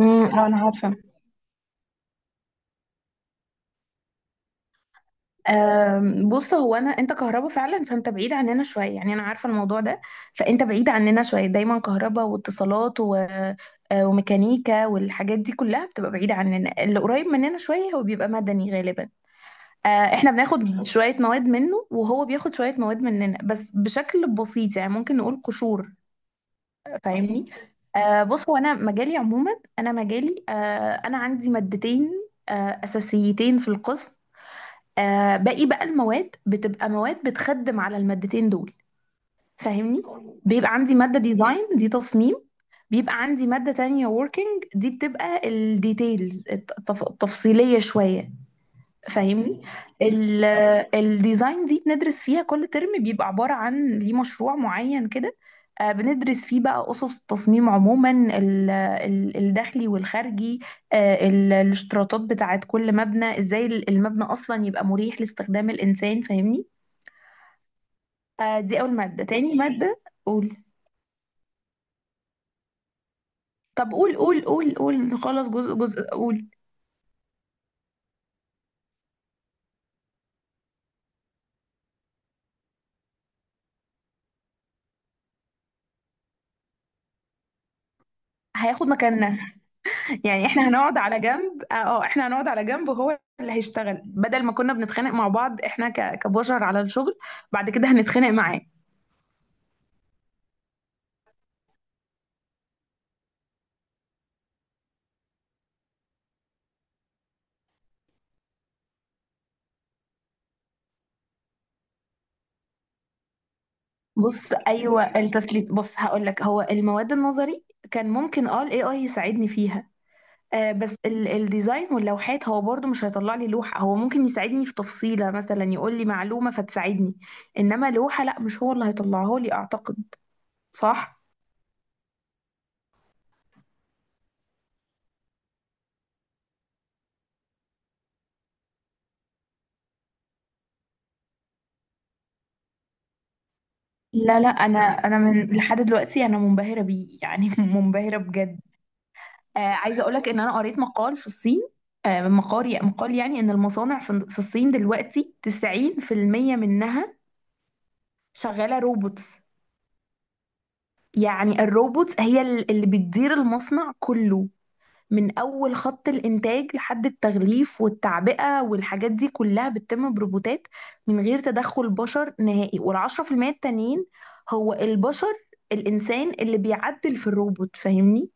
اه انا عارفه. بص هو انت كهربا فعلا، فانت بعيد عننا شويه. يعني انا عارفه الموضوع ده، فانت بعيد عننا شويه، دايما كهربا واتصالات و... آه، وميكانيكا والحاجات دي كلها بتبقى بعيده عننا. اللي قريب مننا شويه هو بيبقى مدني غالبا. احنا بناخد شويه مواد منه وهو بياخد شويه مواد مننا، بس بشكل بسيط، يعني ممكن نقول قشور. فاهمني؟ بص، هو انا مجالي عموما، انا مجالي، انا عندي مادتين آه، اساسيتين في القسم. باقي بقى المواد بتبقى مواد بتخدم على المادتين دول، فاهمني؟ بيبقى عندي مادة ديزاين، دي تصميم. بيبقى عندي مادة تانية working، دي بتبقى الديتيلز التفصيلية شوية، فاهمني؟ ال- الديزاين دي بندرس فيها كل ترم، بيبقى عبارة عن ليه مشروع معين كده. بندرس فيه بقى أسس التصميم عموما، الداخلي والخارجي. الاشتراطات بتاعت كل مبنى، ازاي المبنى أصلا يبقى مريح لاستخدام الإنسان، فاهمني؟ دي أول مادة. تاني مادة قول. طب قول خلاص، جزء قول. هياخد مكاننا. يعني احنا هنقعد على جنب. اه، احنا هنقعد على جنب وهو اللي هيشتغل، بدل ما كنا بنتخانق مع بعض احنا كبشر على الشغل، بعد كده هنتخانق معاه. بص، ايوه، التسليم، بص هقول لك، هو المواد النظري كان ممكن اه الاي اي يساعدني فيها. آه، بس الديزاين واللوحات، هو برضو مش هيطلع لي لوحة. هو ممكن يساعدني في تفصيلة، مثلا يقول لي معلومة فتساعدني، انما لوحة لا، مش هو اللي هيطلعها لي اعتقد. صح؟ لا لا، انا من لحد دلوقتي انا منبهرة بيه، يعني منبهرة بجد. عايزه اقول لك ان انا قريت مقال في الصين. آه، مقال يعني ان المصانع في الصين دلوقتي 90% منها شغاله روبوتس. يعني الروبوتس هي اللي بتدير المصنع كله، من اول خط الانتاج لحد التغليف والتعبئه، والحاجات دي كلها بتتم بروبوتات من غير تدخل بشر نهائي. والعشرة في المية التانيين هو البشر، الانسان اللي بيعدل في الروبوت، فاهمني؟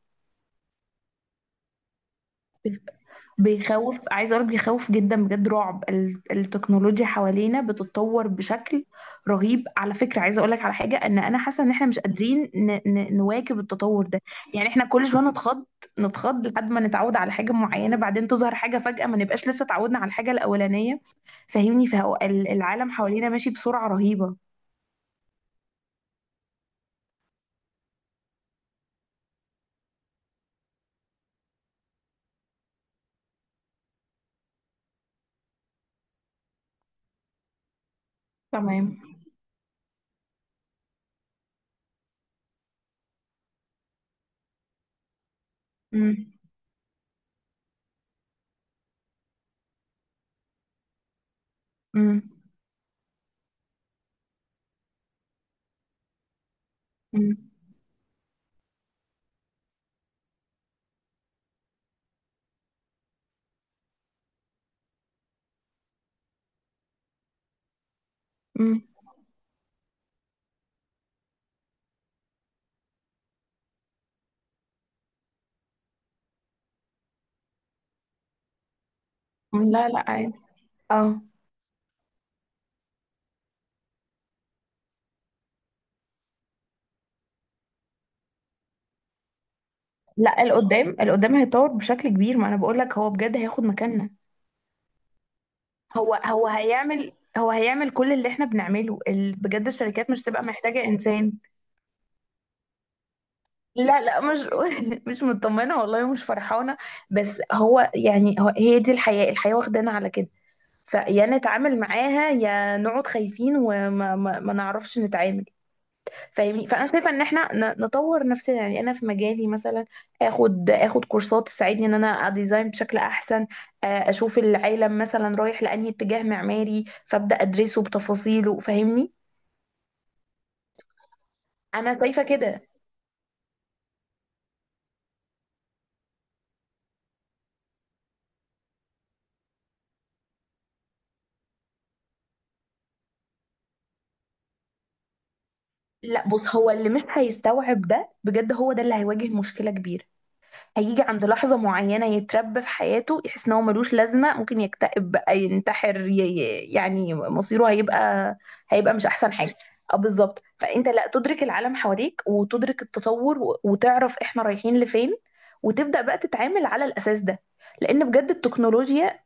بيخوف، عايزه اقول بيخوف جدا، بجد رعب. التكنولوجيا حوالينا بتتطور بشكل رهيب على فكره. عايزه اقول لك على حاجه، ان انا حاسه ان احنا مش قادرين نواكب التطور ده. يعني احنا كل شويه نتخض لحد ما نتعود على حاجه معينه، بعدين تظهر حاجه فجاه ما نبقاش لسه اتعودنا على الحاجه الاولانيه، فاهمني؟ فهو العالم حوالينا ماشي بسرعه رهيبه. تمام. امم. امم. مم. لا لا، عادي. اه. لا، القدام، القدام هيتطور بشكل كبير. ما انا بقول لك، هو بجد هياخد مكاننا. هو هيعمل كل اللي احنا بنعمله، بجد الشركات مش تبقى محتاجة انسان. لا لا، مش مش مطمنة والله، مش فرحانة. بس هو يعني، هو هي دي الحياة، الحياة واخدانا على كده، فيا نتعامل معاها يا نقعد خايفين وما ما نعرفش نتعامل، فاهمني؟ فانا شايفه ان احنا نطور نفسنا، يعني انا في مجالي مثلا اخد كورسات تساعدني ان انا اديزاين بشكل احسن. اشوف العالم مثلا رايح لانهي اتجاه معماري فابدا ادرسه بتفاصيله، فاهمني؟ انا شايفه كده. لا، بص، هو اللي مش هيستوعب ده بجد، هو ده اللي هيواجه مشكله كبيره. هيجي عند لحظة معينة يتربى في حياته يحس ان هو ملوش لازمة، ممكن يكتئب بقى، ينتحر، يعني مصيره هيبقى، هيبقى مش احسن حاجة. اه بالظبط، فانت لا تدرك العالم حواليك وتدرك التطور، وتعرف احنا رايحين لفين، وتبدأ بقى تتعامل على الاساس ده. لان بجد التكنولوجيا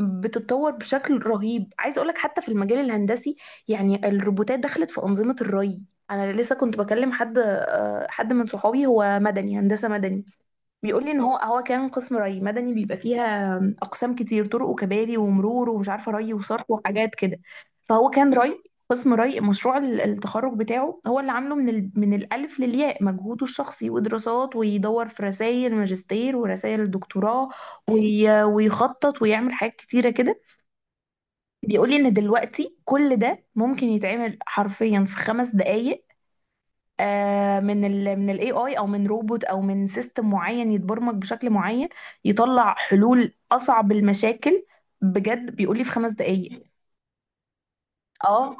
بتتطور بشكل رهيب. عايزه اقول لك، حتى في المجال الهندسي يعني الروبوتات دخلت في انظمه الري. انا لسه كنت بكلم حد، حد من صحابي، هو مدني، هندسه مدني، بيقول لي ان هو كان قسم ري. مدني بيبقى فيها اقسام كتير: طرق وكباري ومرور ومش عارفه ري وصرف وحاجات كده. فهو كان ري، قسم ري. مشروع التخرج بتاعه، هو اللي عامله من الالف للياء، مجهوده الشخصي، ودراسات، ويدور في رسائل ماجستير ورسائل دكتوراه، ويخطط ويعمل حاجات كتيره كده. بيقول لي ان دلوقتي كل ده ممكن يتعمل حرفيا في 5 دقائق. من الاي اي او من روبوت او من سيستم معين يتبرمج بشكل معين يطلع حلول اصعب المشاكل. بجد بيقول لي في 5 دقائق. اه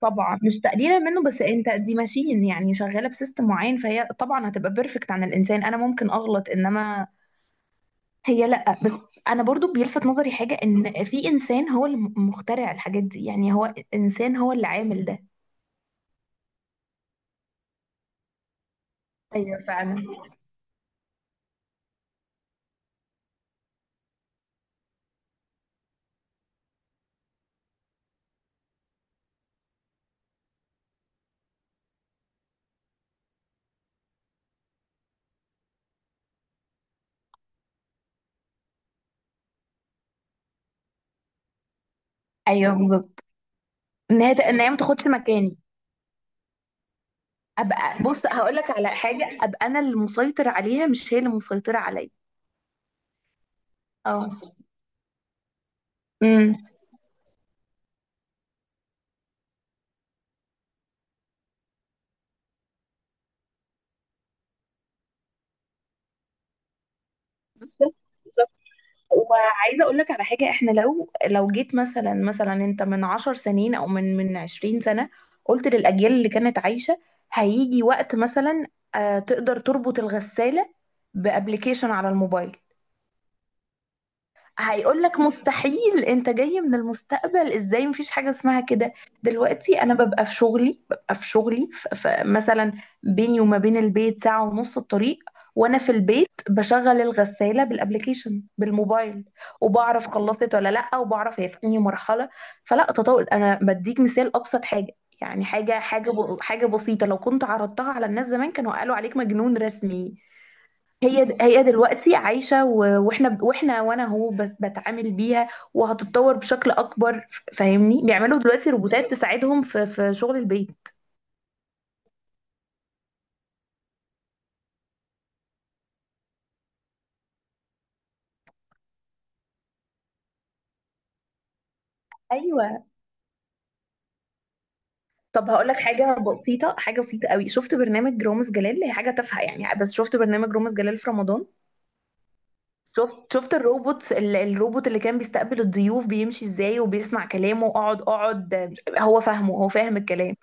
طبعا مش تقليلا منه، بس انت دي ماشين يعني شغاله بسيستم معين، فهي طبعا هتبقى بيرفكت عن الانسان. انا ممكن اغلط، انما هي لا. بس انا برضو بيلفت نظري حاجه، ان في انسان هو اللي مخترع الحاجات دي. يعني هو انسان هو اللي عامل ده. ايوه فعلا. ايوه بالظبط، ان هي ما تاخدش مكاني. ابقى بص هقول لك على حاجه، ابقى انا اللي مسيطر عليها، مش هي اللي مسيطره عليا. اه. امم. بالظبط بالظبط. وعايزه اقول لك على حاجه، احنا لو جيت مثلا انت من 10 سنين او من 20 سنه قلت للاجيال اللي كانت عايشه هيجي وقت مثلا، تقدر تربط الغساله بابلكيشن على الموبايل، هيقول لك مستحيل، انت جاي من المستقبل ازاي، مفيش حاجه اسمها كده. دلوقتي انا ببقى في شغلي، مثلا بيني وما بين البيت ساعه ونص الطريق، وانا في البيت بشغل الغساله بالابلكيشن بالموبايل، وبعرف خلصت ولا لا، وبعرف هي في انهي مرحله. فلا تطور، انا بديك مثال ابسط حاجه، يعني حاجه بسيطه، لو كنت عرضتها على الناس زمان كانوا قالوا عليك مجنون رسمي. هي دلوقتي عايشة، واحنا وانا هو بتعامل بيها، وهتتطور بشكل اكبر، فاهمني؟ بيعملوا دلوقتي روبوتات تساعدهم في شغل البيت. ايوه. طب هقول لك حاجه بسيطه، حاجه بسيطه قوي. شفت برنامج رامز جلال، هي حاجه تافهه يعني، بس شفت برنامج رامز جلال في رمضان؟ شفت الروبوت، الروبوت اللي كان بيستقبل الضيوف بيمشي ازاي وبيسمع كلامه، اقعد اقعد، هو فاهمه، هو فاهم الكلام.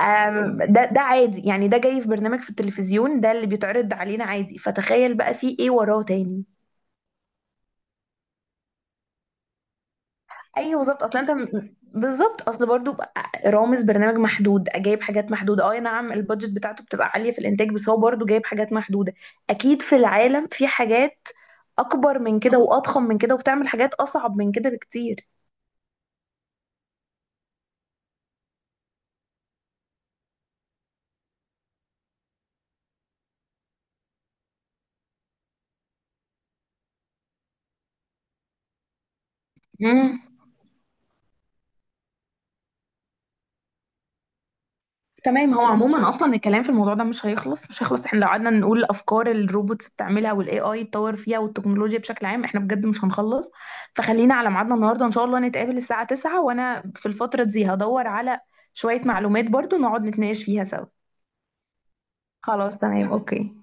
ده عادي يعني، ده جاي في برنامج في التلفزيون، ده اللي بيتعرض علينا عادي، فتخيل بقى فيه ايه وراه تاني. ايوه بالظبط، اصلا انت بالظبط. اصل برضو بقى رامز برنامج محدود، جايب حاجات محدوده، اه نعم البادجت بتاعته بتبقى عاليه في الانتاج، بس هو برضو جايب حاجات محدوده. اكيد في العالم في حاجات اكبر من كده واضخم من كده وبتعمل حاجات اصعب من كده بكتير. مم. تمام، هو عموما اصلا الكلام في الموضوع ده مش هيخلص، مش هيخلص. احنا لو قعدنا نقول افكار الروبوتس بتعملها، والاي اي يتطور فيها، والتكنولوجيا بشكل عام، احنا بجد مش هنخلص. فخلينا على ميعادنا النهارده ان شاء الله، نتقابل الساعة 9، وانا في الفترة دي هدور على شوية معلومات برضو نقعد نتناقش فيها سوا. خلاص تمام اوكي.